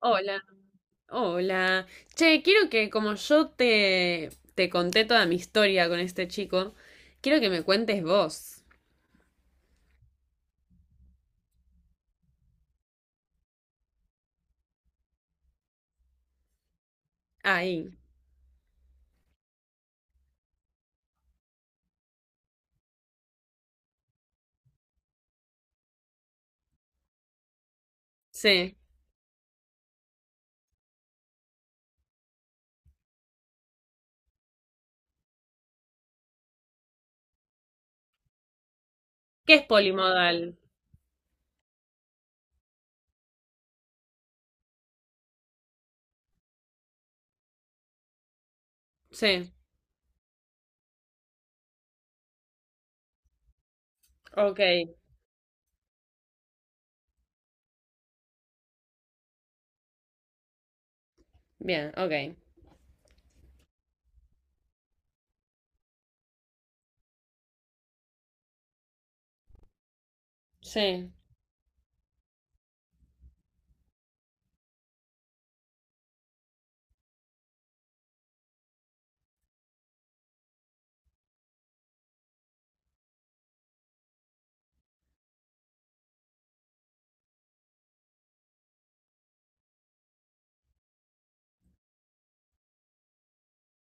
Hola, hola. Che, quiero que como yo te conté toda mi historia con este chico, quiero que me cuentes vos. Ahí. Sí. ¿Qué es polimodal? Sí. Ok. Bien, ok. Sí.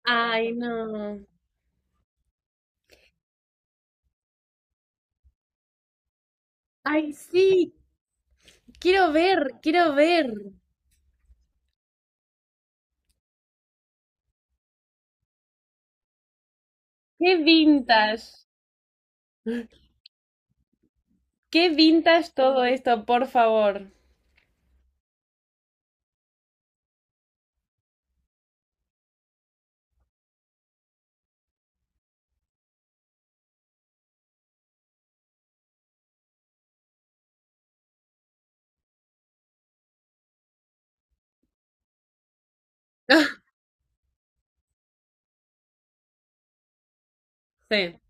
Ay, no. Ay, sí. Quiero ver, quiero ver. Qué vintage. Qué vintage todo esto, por favor. Sí.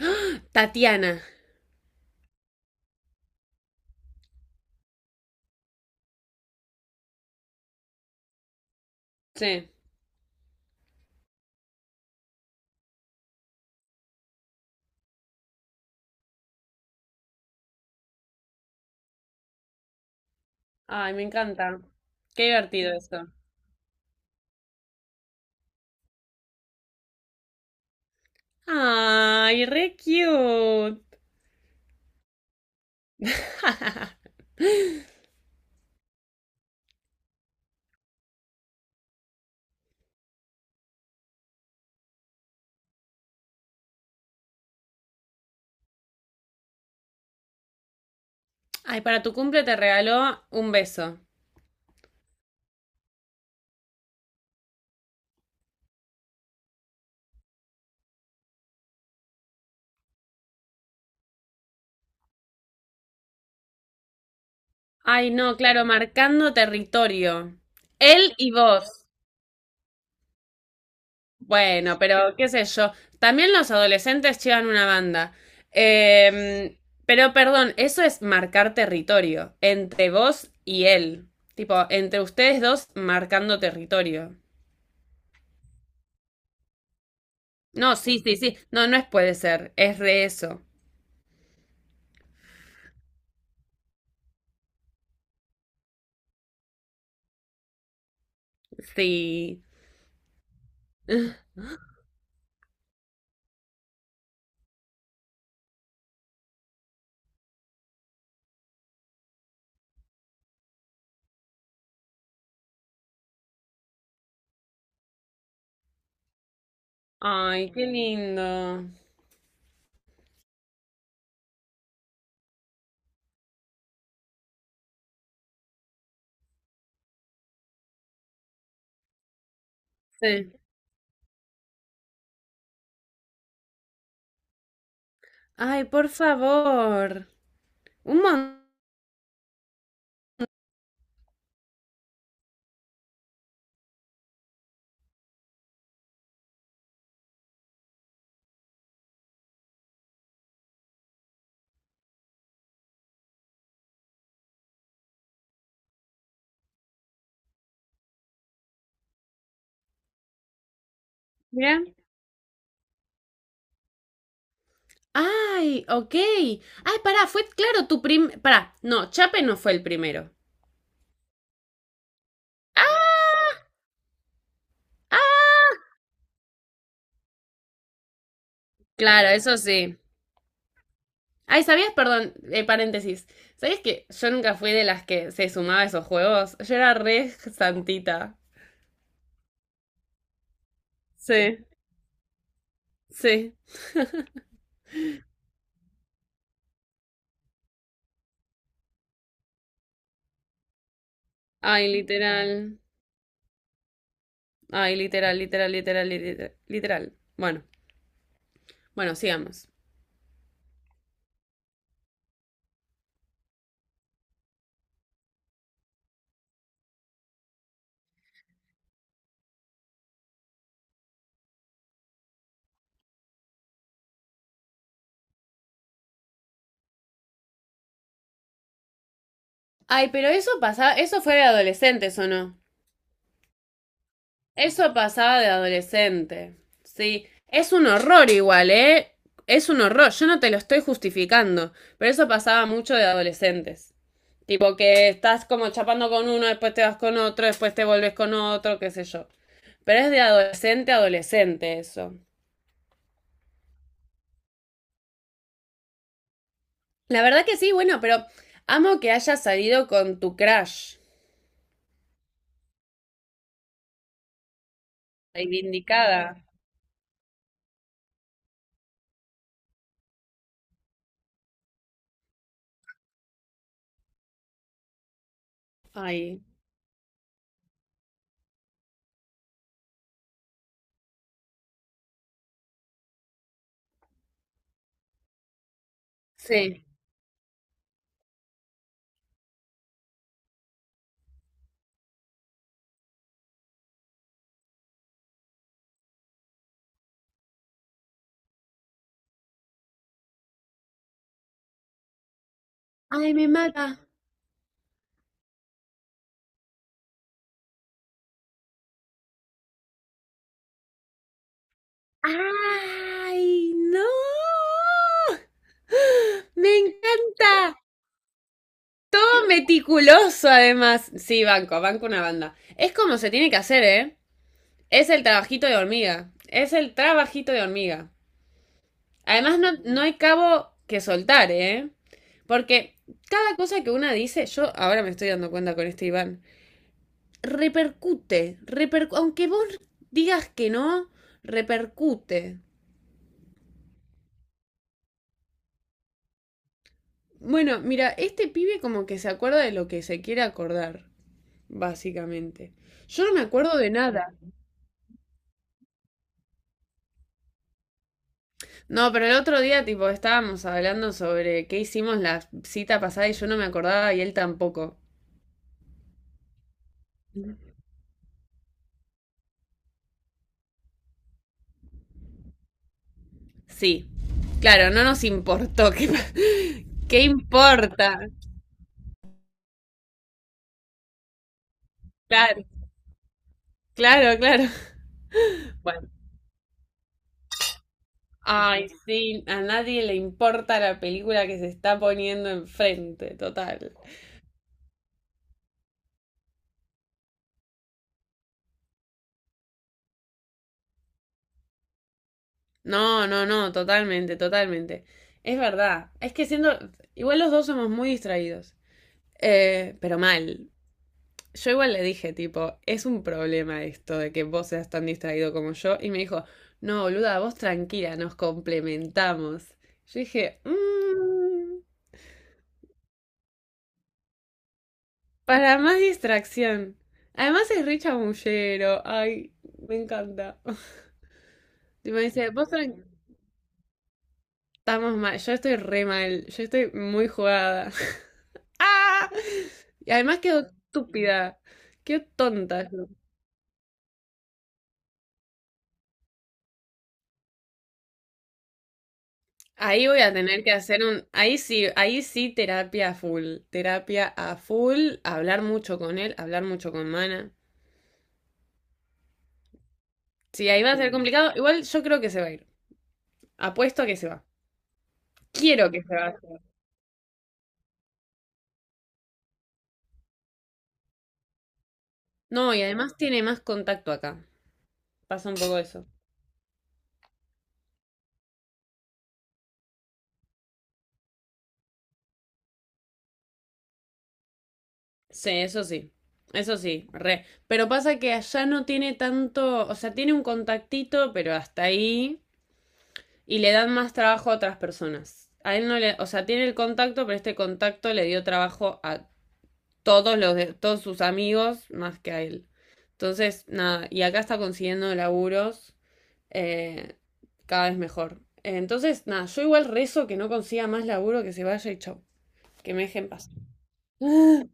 ¡Ah! Tatiana. Sí. Ay, me encanta. Qué divertido esto. Ay, re cute. Ay, para tu cumple te regaló un beso. Ay, no, claro, marcando territorio. Él y vos. Bueno, pero qué sé yo. También los adolescentes llevan una banda. Em, pero perdón, eso es marcar territorio. Entre vos y él. Tipo, entre ustedes dos marcando territorio. No, sí, sí, sí. No, no es puede ser. Es re eso. Sí. Ay, qué lindo. Sí. Ay, por favor. Un montón. Mira. Ay, ok. Ay, pará, fue claro tu prim... Pará, no, Chape no fue el primero. ¡Ah! Ah, claro, eso sí. Ay, ¿sabías? Perdón, paréntesis. ¿Sabías que yo nunca fui de las que se sumaba a esos juegos? Yo era re santita. Sí, sí. Ay, literal. Ay, literal, literal, literal, literal, literal. Bueno, bueno, sigamos. Ay, pero eso pasaba, eso fue de adolescentes, ¿o no? Eso pasaba de adolescente. Sí. Es un horror igual, ¿eh? Es un horror. Yo no te lo estoy justificando, pero eso pasaba mucho de adolescentes. Tipo que estás como chapando con uno, después te vas con otro, después te vuelves con otro, qué sé yo. Pero es de adolescente a adolescente eso. La verdad que sí, bueno, pero amo que hayas salido con tu crush. Reivindicada. Ay. Sí. Ay, me mata. ¡Ay, no! Me encantó, meticuloso además. Sí, banco, banco una banda. Es como se tiene que hacer, ¿eh? Es el trabajito de hormiga. Es el trabajito de hormiga. Además, no, no hay cabo que soltar, ¿eh? Porque cada cosa que una dice, yo ahora me estoy dando cuenta con este Iván, repercute, aunque vos digas que no, repercute. Bueno, mira, este pibe como que se acuerda de lo que se quiere acordar. Básicamente. Yo no me acuerdo de nada. No, pero el otro día, tipo, estábamos hablando sobre qué hicimos la cita pasada y yo no me acordaba y él tampoco. Sí. Claro, no nos importó. ¿Qué, qué importa? Claro, claro, claro. Bueno. Ay, sí, a nadie le importa la película que se está poniendo enfrente, total. No, no, no, totalmente, totalmente. Es verdad. Es que siendo. Igual los dos somos muy distraídos. Pero mal. Yo igual le dije, tipo, es un problema esto de que vos seas tan distraído como yo. Y me dijo, no, boluda, vos tranquila, nos complementamos. Yo dije, "Mm, para más distracción. Además es re chamullero. Ay, me encanta. Y me dice, estamos mal. Yo estoy re mal. Yo estoy muy jugada. ¡Ah! Y además quedó estúpida. Quedó tonta. Ahí voy a tener que hacer ahí sí terapia a full, hablar mucho con él, hablar mucho con Mana. Sí, ahí va a ser complicado. Igual yo creo que se va a ir. Apuesto a que se va. Quiero que se vaya. No, y además tiene más contacto acá. Pasa un poco eso. Sí, eso sí. Eso sí, re. Pero pasa que allá no tiene tanto, o sea, tiene un contactito, pero hasta ahí. Y le dan más trabajo a otras personas. A él no le, o sea, tiene el contacto, pero este contacto le dio trabajo a todos los de, todos sus amigos más que a él. Entonces, nada, y acá está consiguiendo laburos eh, cada vez mejor. Entonces, nada, yo igual rezo que no consiga más laburo, que se vaya y chau, que me deje en paz.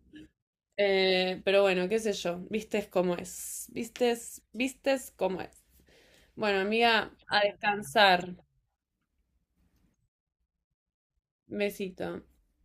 Pero bueno, qué sé yo, vistes cómo es, vistes, vistes cómo es. Bueno, amiga, a descansar. Besito.